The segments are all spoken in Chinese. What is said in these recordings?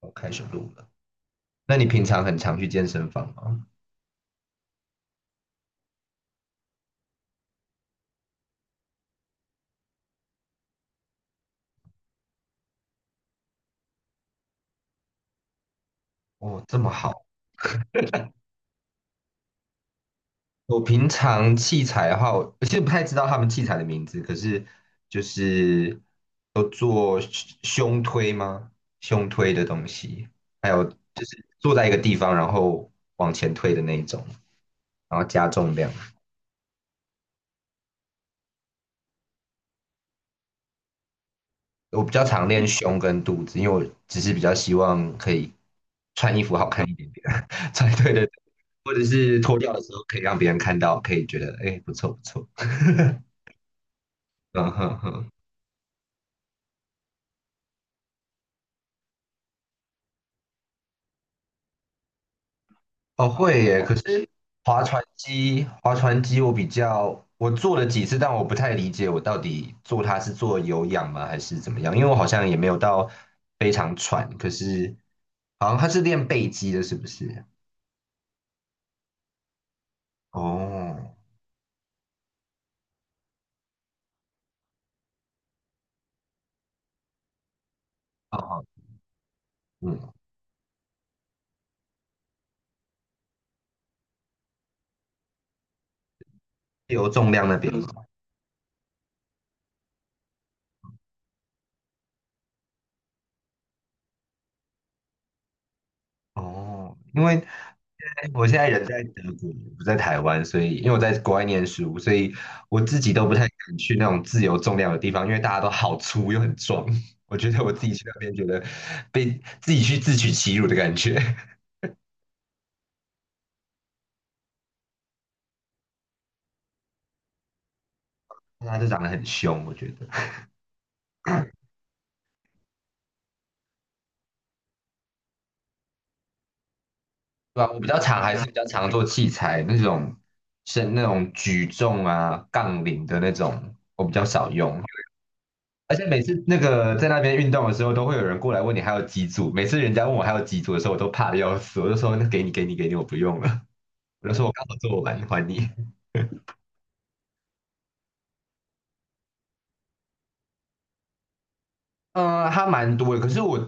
我开始录了。那你平常很常去健身房吗？哦，这么好。我平常器材的话，我其实不太知道他们器材的名字，可是就是有做胸推吗？胸推的东西，还有就是坐在一个地方，然后往前推的那一种，然后加重量。我比较常练胸跟肚子，因为我只是比较希望可以穿衣服好看一点点，对对对，或者是脱掉的时候可以让别人看到，可以觉得哎不错不错，嗯哼哼，哦会耶，可是划船机我比较我做了几次，但我不太理解我到底做它是做有氧吗还是怎么样，因为我好像也没有到非常喘，可是好像它是练背肌的，是不是？哦，哦，好嗯，自由重量那边吗。哦，因为我现在人在德国，不在台湾，所以因为我在国外念书，所以我自己都不太敢去那种自由重量的地方，因为大家都好粗又很壮，我觉得我自己去那边觉得被自己去自取其辱的感觉，大家都长得很凶，我觉得。对啊，我比较常还是比较常做器材那种，是那种举重啊、杠铃的那种，我比较少用。而且每次那个在那边运动的时候，都会有人过来问你还有几组。每次人家问我还有几组的时候，我都怕的要死，我就说那给你给你给你，我不用了。我就说我刚好做完还你。它蛮多的，可是我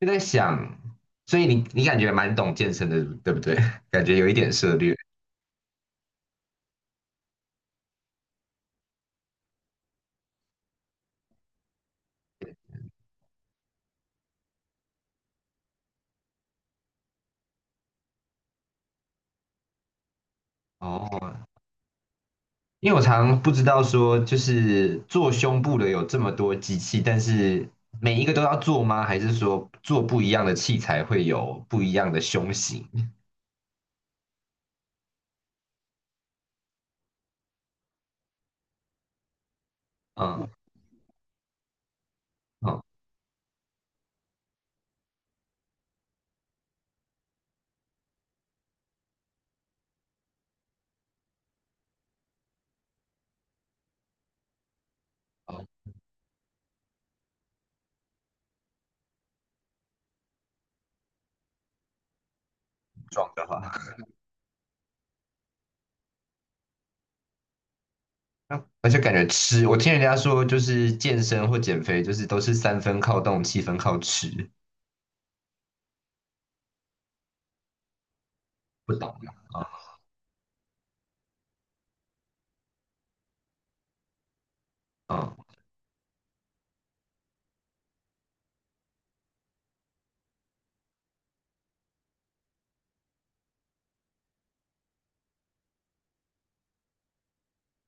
就在想，所以你感觉蛮懂健身的，对不对？感觉有一点涉略哦。因为我常不知道说，就是做胸部的有这么多机器，但是每一个都要做吗？还是说做不一样的器材会有不一样的胸型？嗯嗯。哦壮 就好。而且感觉吃，我听人家说，就是健身或减肥，就是都是三分靠动，七分靠吃。不懂啊，嗯嗯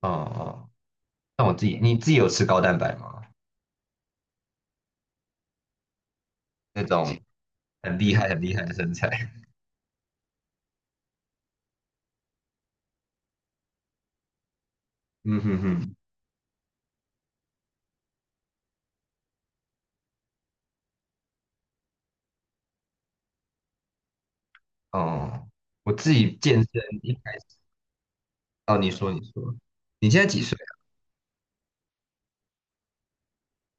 嗯。哦那我自己，你自己有吃高蛋白吗？那种很厉害、很厉害的身材。嗯哼哼。哦，我自己健身一开始，哦，你说你说，你现在几岁啊？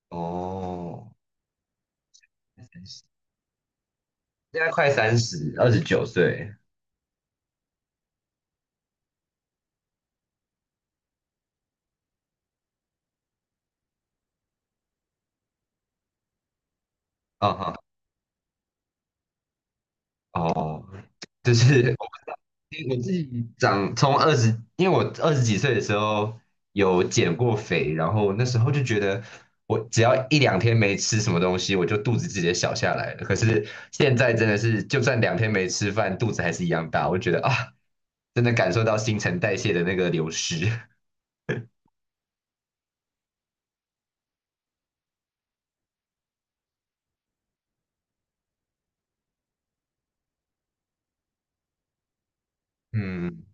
哦，现在快30，29岁。啊哈，哦，就是我自己长从二十，因为我二十几岁的时候有减过肥，然后那时候就觉得我只要一两天没吃什么东西，我就肚子直接小下来了。可是现在真的是，就算两天没吃饭，肚子还是一样大。我就觉得啊，真的感受到新陈代谢的那个流失。嗯，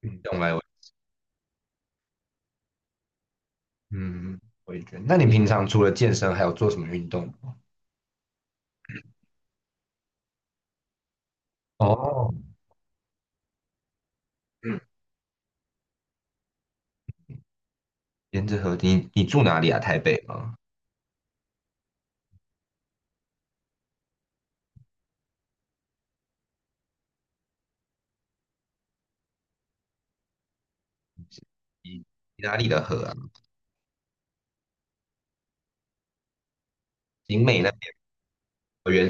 运动来，我嗯，我也觉得。那你平常除了健身，还有做什么运动吗？哦，嗯，沿着河，你住哪里啊？台北吗？你你哪里的河啊？景美那边，原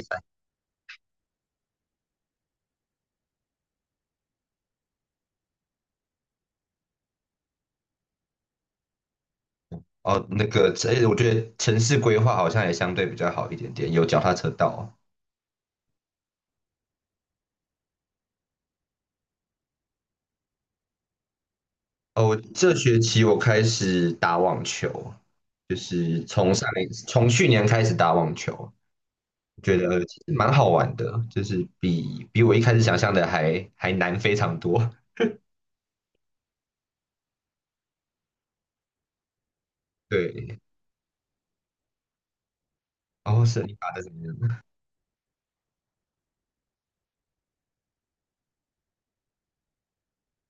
哦，那个，这我觉得城市规划好像也相对比较好一点点，有脚踏车道啊。哦，这学期我开始打网球，就是从上一从去年开始打网球，觉得其实蛮好玩的，就是比我一开始想象的还难非常多。对，然后是你打的怎么样？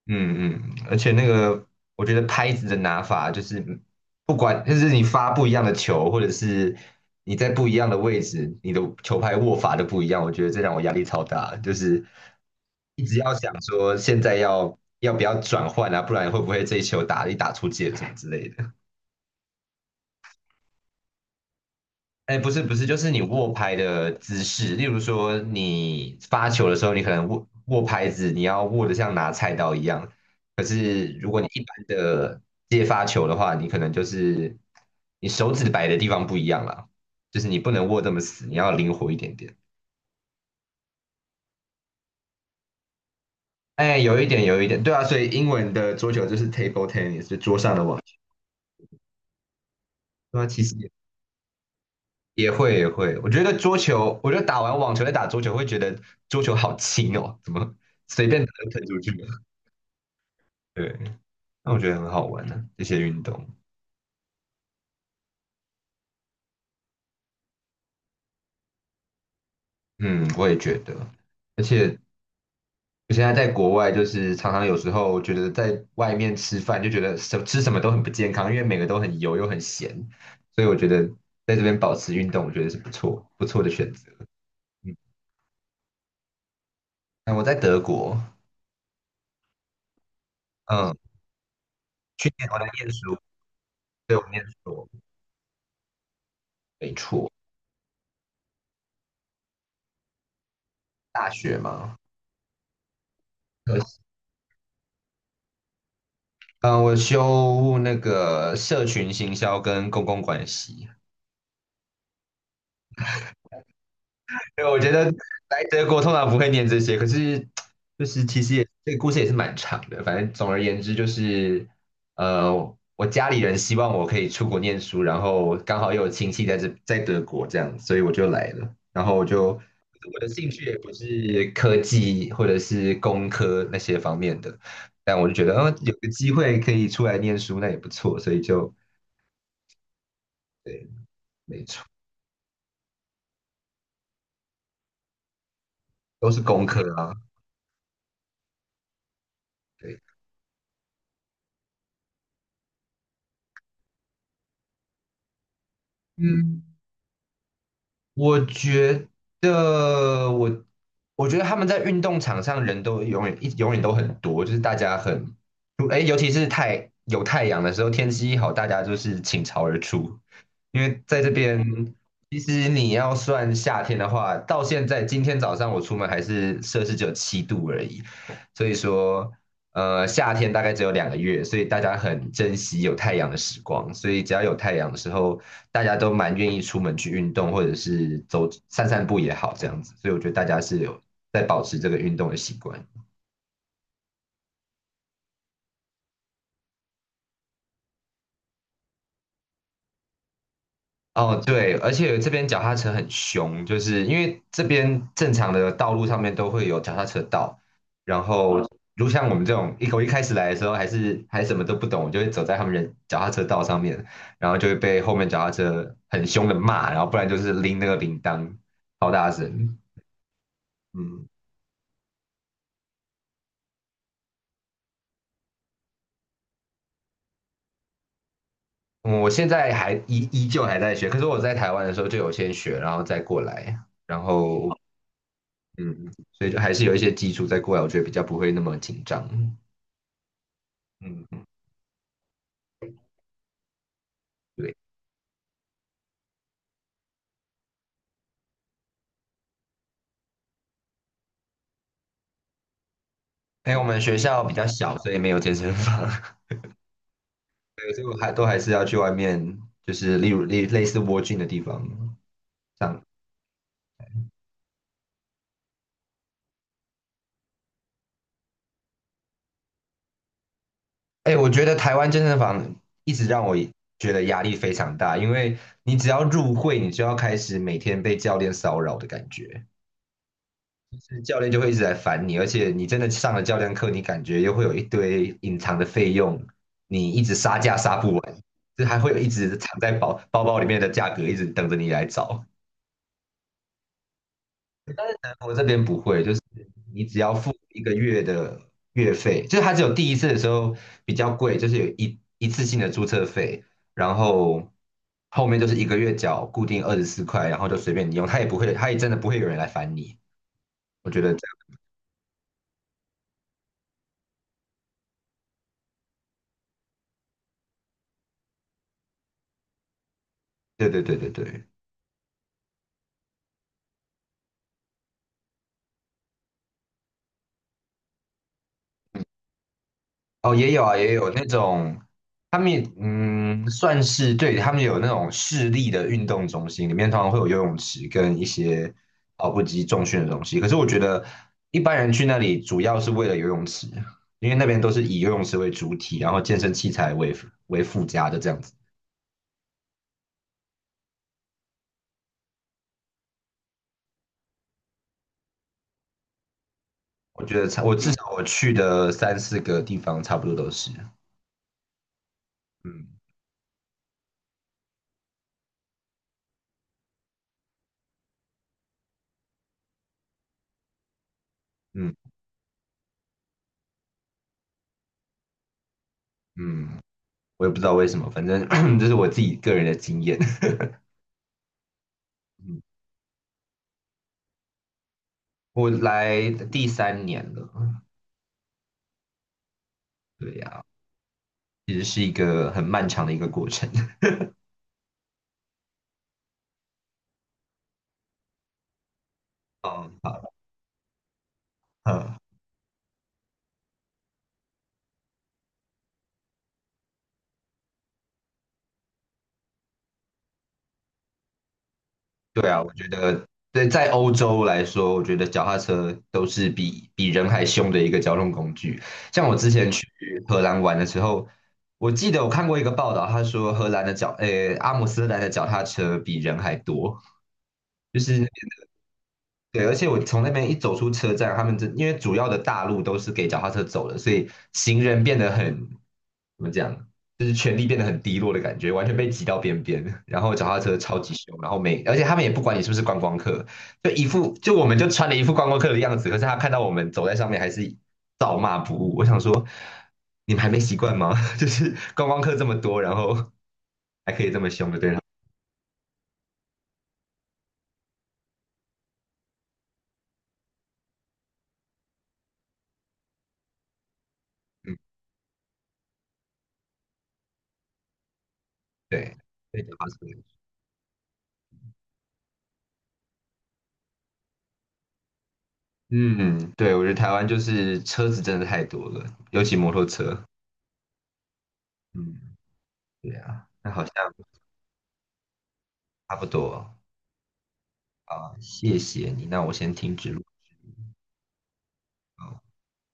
嗯嗯，而且那个，我觉得拍子的拿法就是，不管就是你发不一样的球，或者是你在不一样的位置，你的球拍握法都不一样。我觉得这让我压力超大，就是一直要想说现在要不要转换啊，不然会不会这一球打出界什么之类的。哎，不是不是，就是你握拍的姿势，例如说你发球的时候，你可能握拍子，你要握得像拿菜刀一样。可是如果你一般的接发球的话，你可能就是你手指摆的地方不一样了，就是你不能握这么死，你要灵活一点点。哎，有一点有一点，对啊，所以英文的桌球就是 table tennis，就桌上的网球。对啊，其实也会也会，我觉得桌球，我觉得打完网球再打桌球，会觉得桌球好轻哦，怎么随便打就喷出去了？对，那我觉得很好玩呢、这些运动。嗯，我也觉得，而且我现在在国外，就是常常有时候觉得在外面吃饭就觉得吃什么都很不健康，因为每个都很油又很咸，所以我觉得在这边保持运动，我觉得是不错不错的选择。嗯，那我在德国，嗯，去年我在念书，对，我念书，没错，大学嘛，嗯，我修那个社群行销跟公共关系。对，我觉得来德国通常不会念这些，可是就是其实也这个故事也是蛮长的。反正总而言之就是，呃，我家里人希望我可以出国念书，然后刚好又有亲戚在德国这样，所以我就来了。然后我的兴趣也不是科技或者是工科那些方面的，但我就觉得，嗯、有个机会可以出来念书，那也不错，所以就对，没错，都是工科啊，对，嗯。我觉得我，我觉得他们在运动场上人都永远都很多，就是大家很，哎，尤其是有太阳的时候，天气一好，大家就是倾巢而出。因为在这边，其实你要算夏天的话，到现在今天早上我出门还是摄氏只有7度而已，所以说，夏天大概只有2个月，所以大家很珍惜有太阳的时光，所以只要有太阳的时候。大家都蛮愿意出门去运动，或者是散散步也好，这样子。所以我觉得大家是有在保持这个运动的习惯。哦，对，而且这边脚踏车很凶，就是因为这边正常的道路上面都会有脚踏车道，然后像我们这种我一开始来的时候还什么都不懂，我就会走在他们人脚踏车道上面，然后就会被后面脚踏车很凶的骂，然后不然就是拎那个铃铛，超大声，嗯。嗯我现在还依旧还在学，可是我在台湾的时候就有先学，然后再过来，然后嗯，所以就还是有一些基础再过来，我觉得比较不会那么紧张。嗯，对，因为我们学校比较小，所以没有健身房，对，所以我还都还是要去外面，就是例如类似蜗菌的地方上。哎，我觉得台湾健身房一直让我觉得压力非常大，因为你只要入会，你就要开始每天被教练骚扰的感觉。是教练就会一直来烦你，而且你真的上了教练课，你感觉又会有一堆隐藏的费用，你一直杀价杀不完，就还会有一直藏在包包包里面的价格，一直等着你来找。但我这边不会，就是你只要付一个月的月费，就是它只有第一次的时候比较贵，就是有一次性的注册费，然后后面就是一个月缴固定24块，然后就随便你用，它也不会，它也真的不会有人来烦你。我觉得这样，对对对对对。哦，也有啊，也有那种，他们也算是对，他们有那种市立的运动中心，里面通常会有游泳池跟一些跑步机、重训的东西。可是我觉得一般人去那里主要是为了游泳池，因为那边都是以游泳池为主体，然后健身器材为附加的这样子。我觉得差，我至少我去的三四个地方差不多都是，嗯嗯嗯，我也不知道为什么，反正 这是我自己个人的经验。我来第三年了，对呀、啊其实是一个很漫长的一个过程。嗯，好，嗯，对啊，我觉得对在欧洲来说，我觉得脚踏车都是比人还凶的一个交通工具。像我之前去荷兰玩的时候，我记得我看过一个报道，他说荷兰的脚，阿姆斯特丹的脚踏车比人还多，就是对，而且我从那边一走出车站，他们因为主要的大路都是给脚踏车走的，所以行人变得很，怎么讲，就是权力变得很低落的感觉，完全被挤到边边。然后脚踏车超级凶，然后而且他们也不管你是不是观光客，就一副就我们就穿了一副观光客的样子，可是他看到我们走在上面还是照骂不误。我想说，你们还没习惯吗？就是观光客这么多，然后还可以这么凶的对他们，嗯，对，对脚踏车。嗯，对，我觉得台湾就是车子真的太多了，尤其摩托车。嗯，对啊，那好像差不多啊，谢谢你，那我先停止录。